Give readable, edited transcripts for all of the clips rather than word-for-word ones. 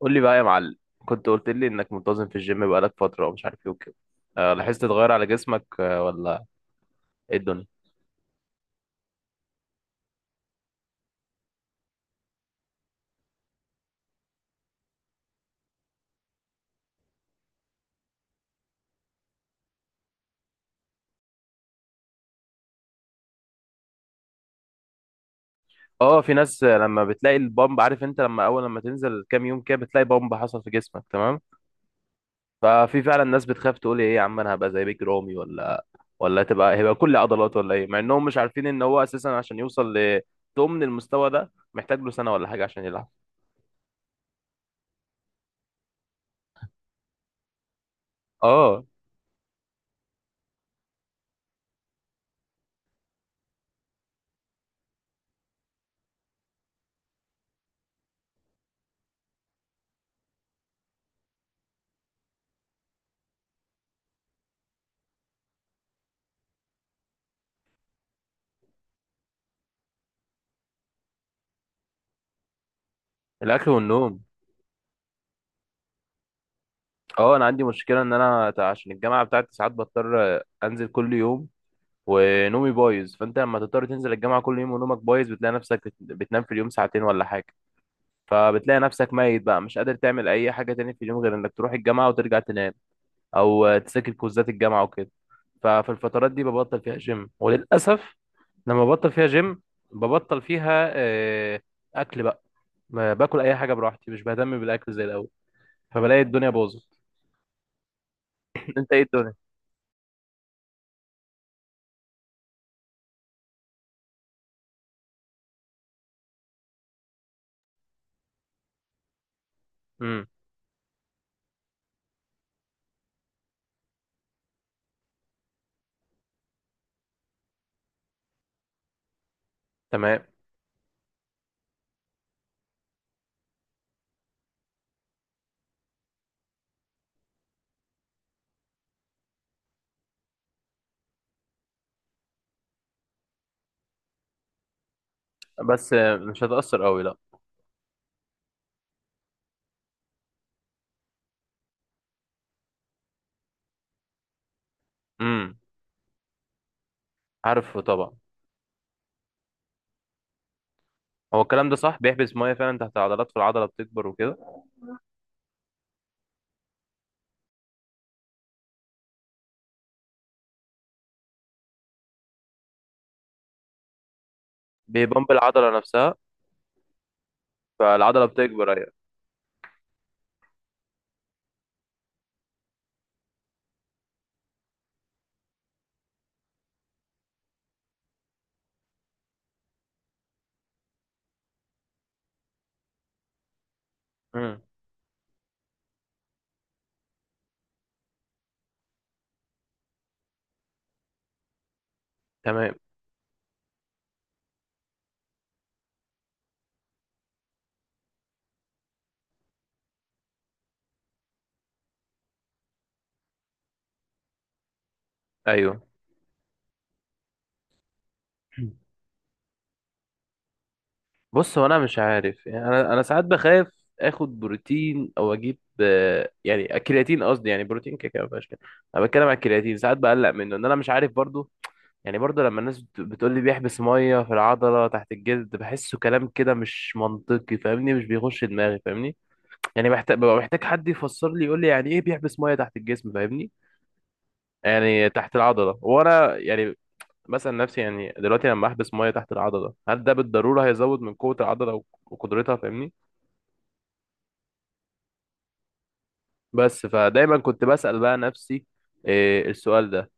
قول لي بقى يا معلم. كنت قلت لي انك منتظم في الجيم بقالك فترة ومش عارف ايه وكده. أه، لاحظت تغير على جسمك؟ أه ولا ايه الدنيا؟ اه، في ناس لما بتلاقي البامب، عارف انت لما اول لما تنزل كام يوم كده بتلاقي بامب حصل في جسمك. تمام. ففي فعلا ناس بتخاف تقول ايه يا عم انا هبقى زي بيج رامي؟ ولا ولا هيبقى كل عضلات ولا ايه؟ مع انهم مش عارفين ان هو اساسا عشان يوصل لضمن المستوى ده محتاج له سنة ولا حاجة عشان يلعب. اه، الاكل والنوم. اه، انا عندي مشكلة ان انا عشان الجامعة بتاعتي ساعات بضطر انزل كل يوم ونومي بايظ. فانت لما تضطر تنزل الجامعه كل يوم ونومك بايظ بتلاقي نفسك بتنام في اليوم ساعتين ولا حاجه. فبتلاقي نفسك ميت بقى مش قادر تعمل اي حاجه تاني في اليوم غير انك تروح الجامعه وترجع تنام، او تذاكر كوزات الجامعه وكده. ففي الفترات دي ببطل فيها جيم وللاسف. لما ببطل فيها جيم ببطل فيها اكل بقى. ما باكل اي حاجه براحتي، مش بهتم بالاكل زي الاول، فبلاقي الدنيا باظت. انت ايه الدنيا؟ امم. تمام. بس مش هتاثر قوي، لا. امم. عارفه طبعا. هو الكلام ده صح، بيحبس ميه فعلا تحت العضلات فالعضله بتكبر وكده. بيبمب العضله نفسها. فالعضله بتكبر، ايوه. امم. تمام. ايوه. بص، هو انا مش عارف يعني. انا ساعات بخاف اخد بروتين او اجيب يعني الكرياتين، قصدي، يعني بروتين كده كده ما فيهاش كده. انا بتكلم على الكرياتين، ساعات بقلق منه ان انا مش عارف برضو. يعني برضو لما الناس بتقول لي بيحبس ميه في العضله تحت الجلد، بحسه كلام كده مش منطقي، فاهمني؟ مش بيخش دماغي، فاهمني؟ يعني محتاج، ببقى محتاج حد يفسر لي يقول لي يعني ايه بيحبس ميه تحت الجسم، فاهمني؟ يعني تحت العضلة. وانا يعني مثلا نفسي يعني دلوقتي لما احبس مية تحت العضلة هل ده بالضرورة هيزود من قوة العضلة وقدرتها، فاهمني؟ بس فدايما كنت بسأل بقى نفسي إيه السؤال ده.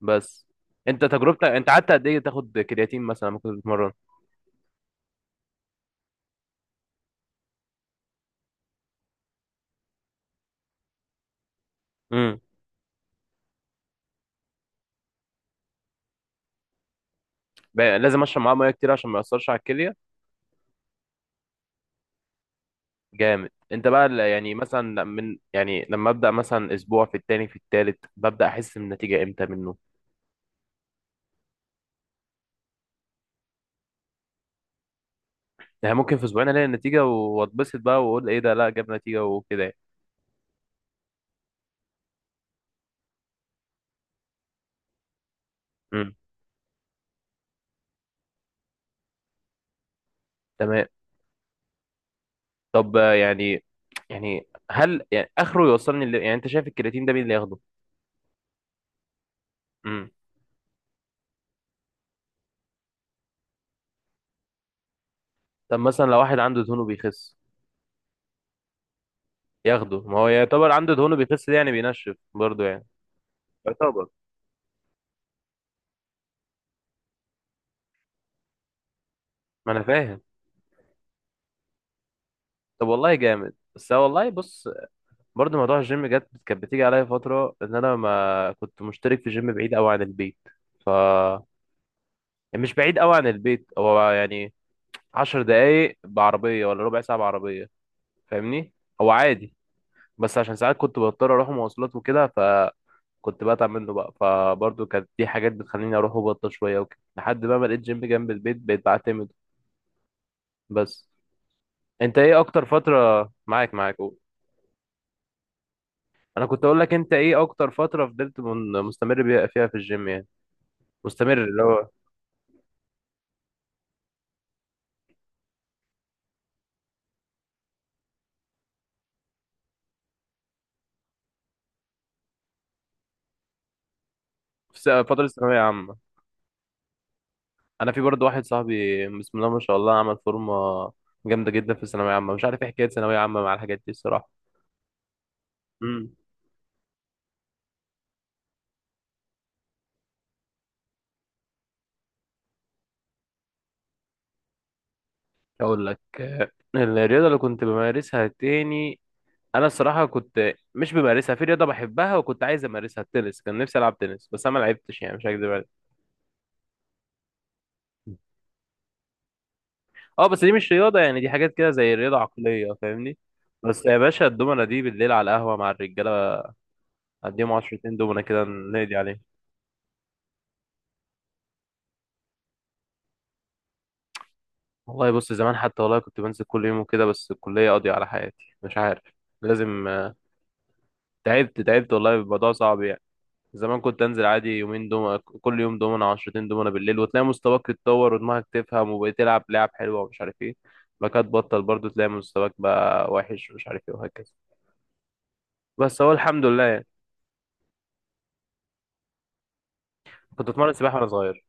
بس انت تجربتك انت قعدت قد ايه تاخد كرياتين مثلا لما كنت بتتمرن؟ امم. لازم اشرب معاه ميه كتير عشان ما ياثرش على الكليه. جامد. انت بقى يعني مثلا من يعني لما ابدا مثلا اسبوع، في التاني، في التالت، ببدا احس بالنتيجه امتى منه؟ يعني ممكن في اسبوعين الاقي النتيجه واتبسط بقى واقول ايه ده، لا جاب نتيجه وكده يعني. امم. تمام. طب يعني، يعني هل يعني اخره يوصلني؟ اللي يعني انت شايف الكرياتين ده مين اللي ياخده؟ امم. طب مثلا لو واحد عنده دهونه بيخس ياخده؟ ما هو يعتبر، عنده دهونه بيخس ده يعني بينشف برضه يعني، يعتبر. ما انا فاهم. طب والله جامد. بس هو والله بص، برضه موضوع الجيم جت، كانت بتيجي عليا فتره ان انا ما كنت مشترك في جيم بعيد قوي عن البيت. يعني مش بعيد قوي عن البيت، هو يعني 10 دقايق بعربيه ولا ربع ساعه بعربيه، فاهمني؟ هو عادي. بس عشان ساعات كنت بضطر اروح مواصلات وكده فكنت بتعب منه بقى. فبرضه كانت دي حاجات بتخليني اروح وبطل شويه وكده لحد بقى ما لقيت جيم جنب البيت بقيت بعتمد. بس انت ايه اكتر فتره معاك قول. انا كنت اقول لك انت ايه اكتر فتره فضلت مستمر بيها فيها في الجيم يعني، مستمر اللي هو. في فتره الثانويه عامه انا، في برضه واحد صاحبي بسم الله ما شاء الله عمل فورمه جامده جدا في الثانويه عامه. مش عارف ايه حكايه ثانويه عامه مع الحاجات دي الصراحه. اقول لك الرياضه اللي كنت بمارسها تاني، انا الصراحه كنت مش بمارسها. في رياضه بحبها وكنت عايز امارسها، التنس، كان نفسي العب تنس بس انا ما لعبتش، يعني مش هكدب عليك. اه بس دي مش رياضه يعني، دي حاجات كده زي رياضه عقليه، فاهمني؟ بس يا باشا الدومنه دي بالليل على القهوه مع الرجاله، اديهم عشرتين دومنه كده نقضي عليهم. والله بص، زمان حتى والله كنت بنزل كل يوم وكده بس الكليه قاضيه على حياتي، مش عارف. لازم تعبت، تعبت والله، الموضوع صعب يعني. زمان كنت انزل عادي يومين دومنا، كل يوم دومنا، عشرتين دومنا بالليل وتلاقي مستواك يتطور ودماغك تفهم وبقيت تلعب لعب حلوه ومش عارف ايه. بعد كده تبطل برضه تلاقي مستواك بقى وحش ومش عارف ايه وهكذا. بس هو الحمد لله يعني. كنت اتمرن سباحه وانا صغير.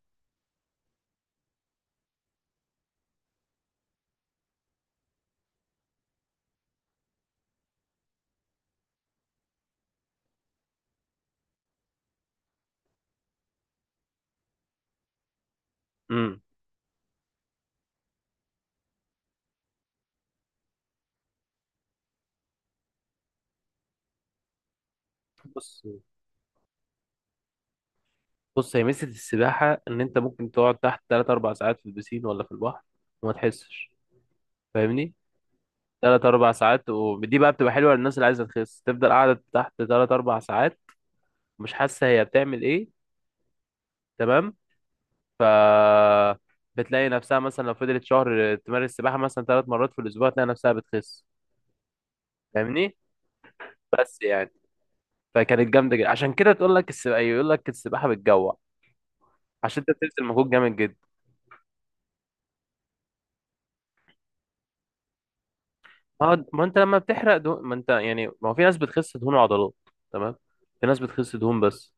امم. بص، بص، هي ميزه السباحه ان انت ممكن تقعد تحت 3 4 ساعات في البسين ولا في البحر وما تحسش، فاهمني؟ 3 4 ساعات، ودي بقى بتبقى حلوه للناس اللي عايزه تخس تفضل قاعده تحت 3 4 ساعات مش حاسه هي بتعمل ايه. تمام. ف بتلاقي نفسها مثلا لو فضلت شهر تمارس سباحة مثلا ثلاث مرات في الأسبوع تلاقي نفسها بتخس، فاهمني؟ بس يعني فكانت جامدة جدا. عشان كده تقول لك السباحة، يقول لك السباحة بتجوع عشان أنت بتبذل مجهود جامد جدا. ما أنت لما بتحرق دهون، ما أنت يعني، ما هو في ناس بتخس دهون وعضلات، تمام، في ناس بتخس دهون بس.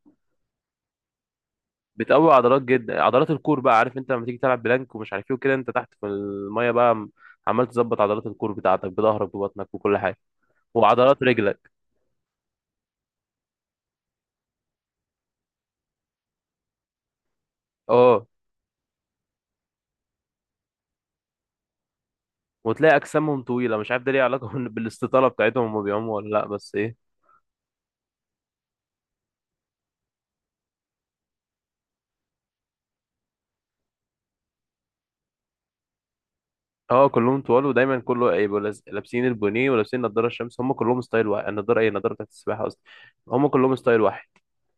بتقوي عضلات جدا، عضلات الكور بقى. عارف أنت لما تيجي تلعب بلانك ومش عارف إيه وكده؟ أنت تحت في المية بقى عمال تظبط عضلات الكور بتاعتك بظهرك، ببطنك، وكل حاجة وعضلات رجلك. اه. وتلاقي اجسامهم طويله، مش عارف ده ليه علاقه بالاستطاله بتاعتهم، هما بيعوموا ولا لا؟ بس ايه. اه، كلهم طوال ودايما كله يبقوا لابسين البونيه ولابسين نضاره الشمس، هم كلهم ستايل واحد. النضاره، ايه النضاره بتاعت السباحه اصلا؟ هم كلهم ستايل واحد،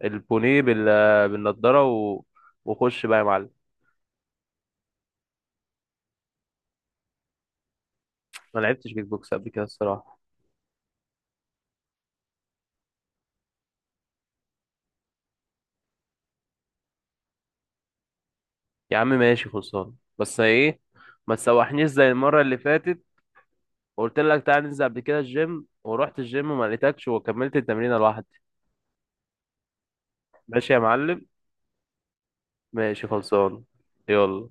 البونيه بال... بالنضاره و... وخش بقى يا معلم. ما لعبتش كيك بوكس قبل كده الصراحه. يا عم ماشي، خلصان. بس ايه، ما تسوحنيش زي المره اللي فاتت وقلت لك تعالى ننزل قبل كده الجيم ورحت الجيم وما لقيتكش وكملت التمرين لوحدي. ماشي يا معلم. ماشي خلصان. يلا.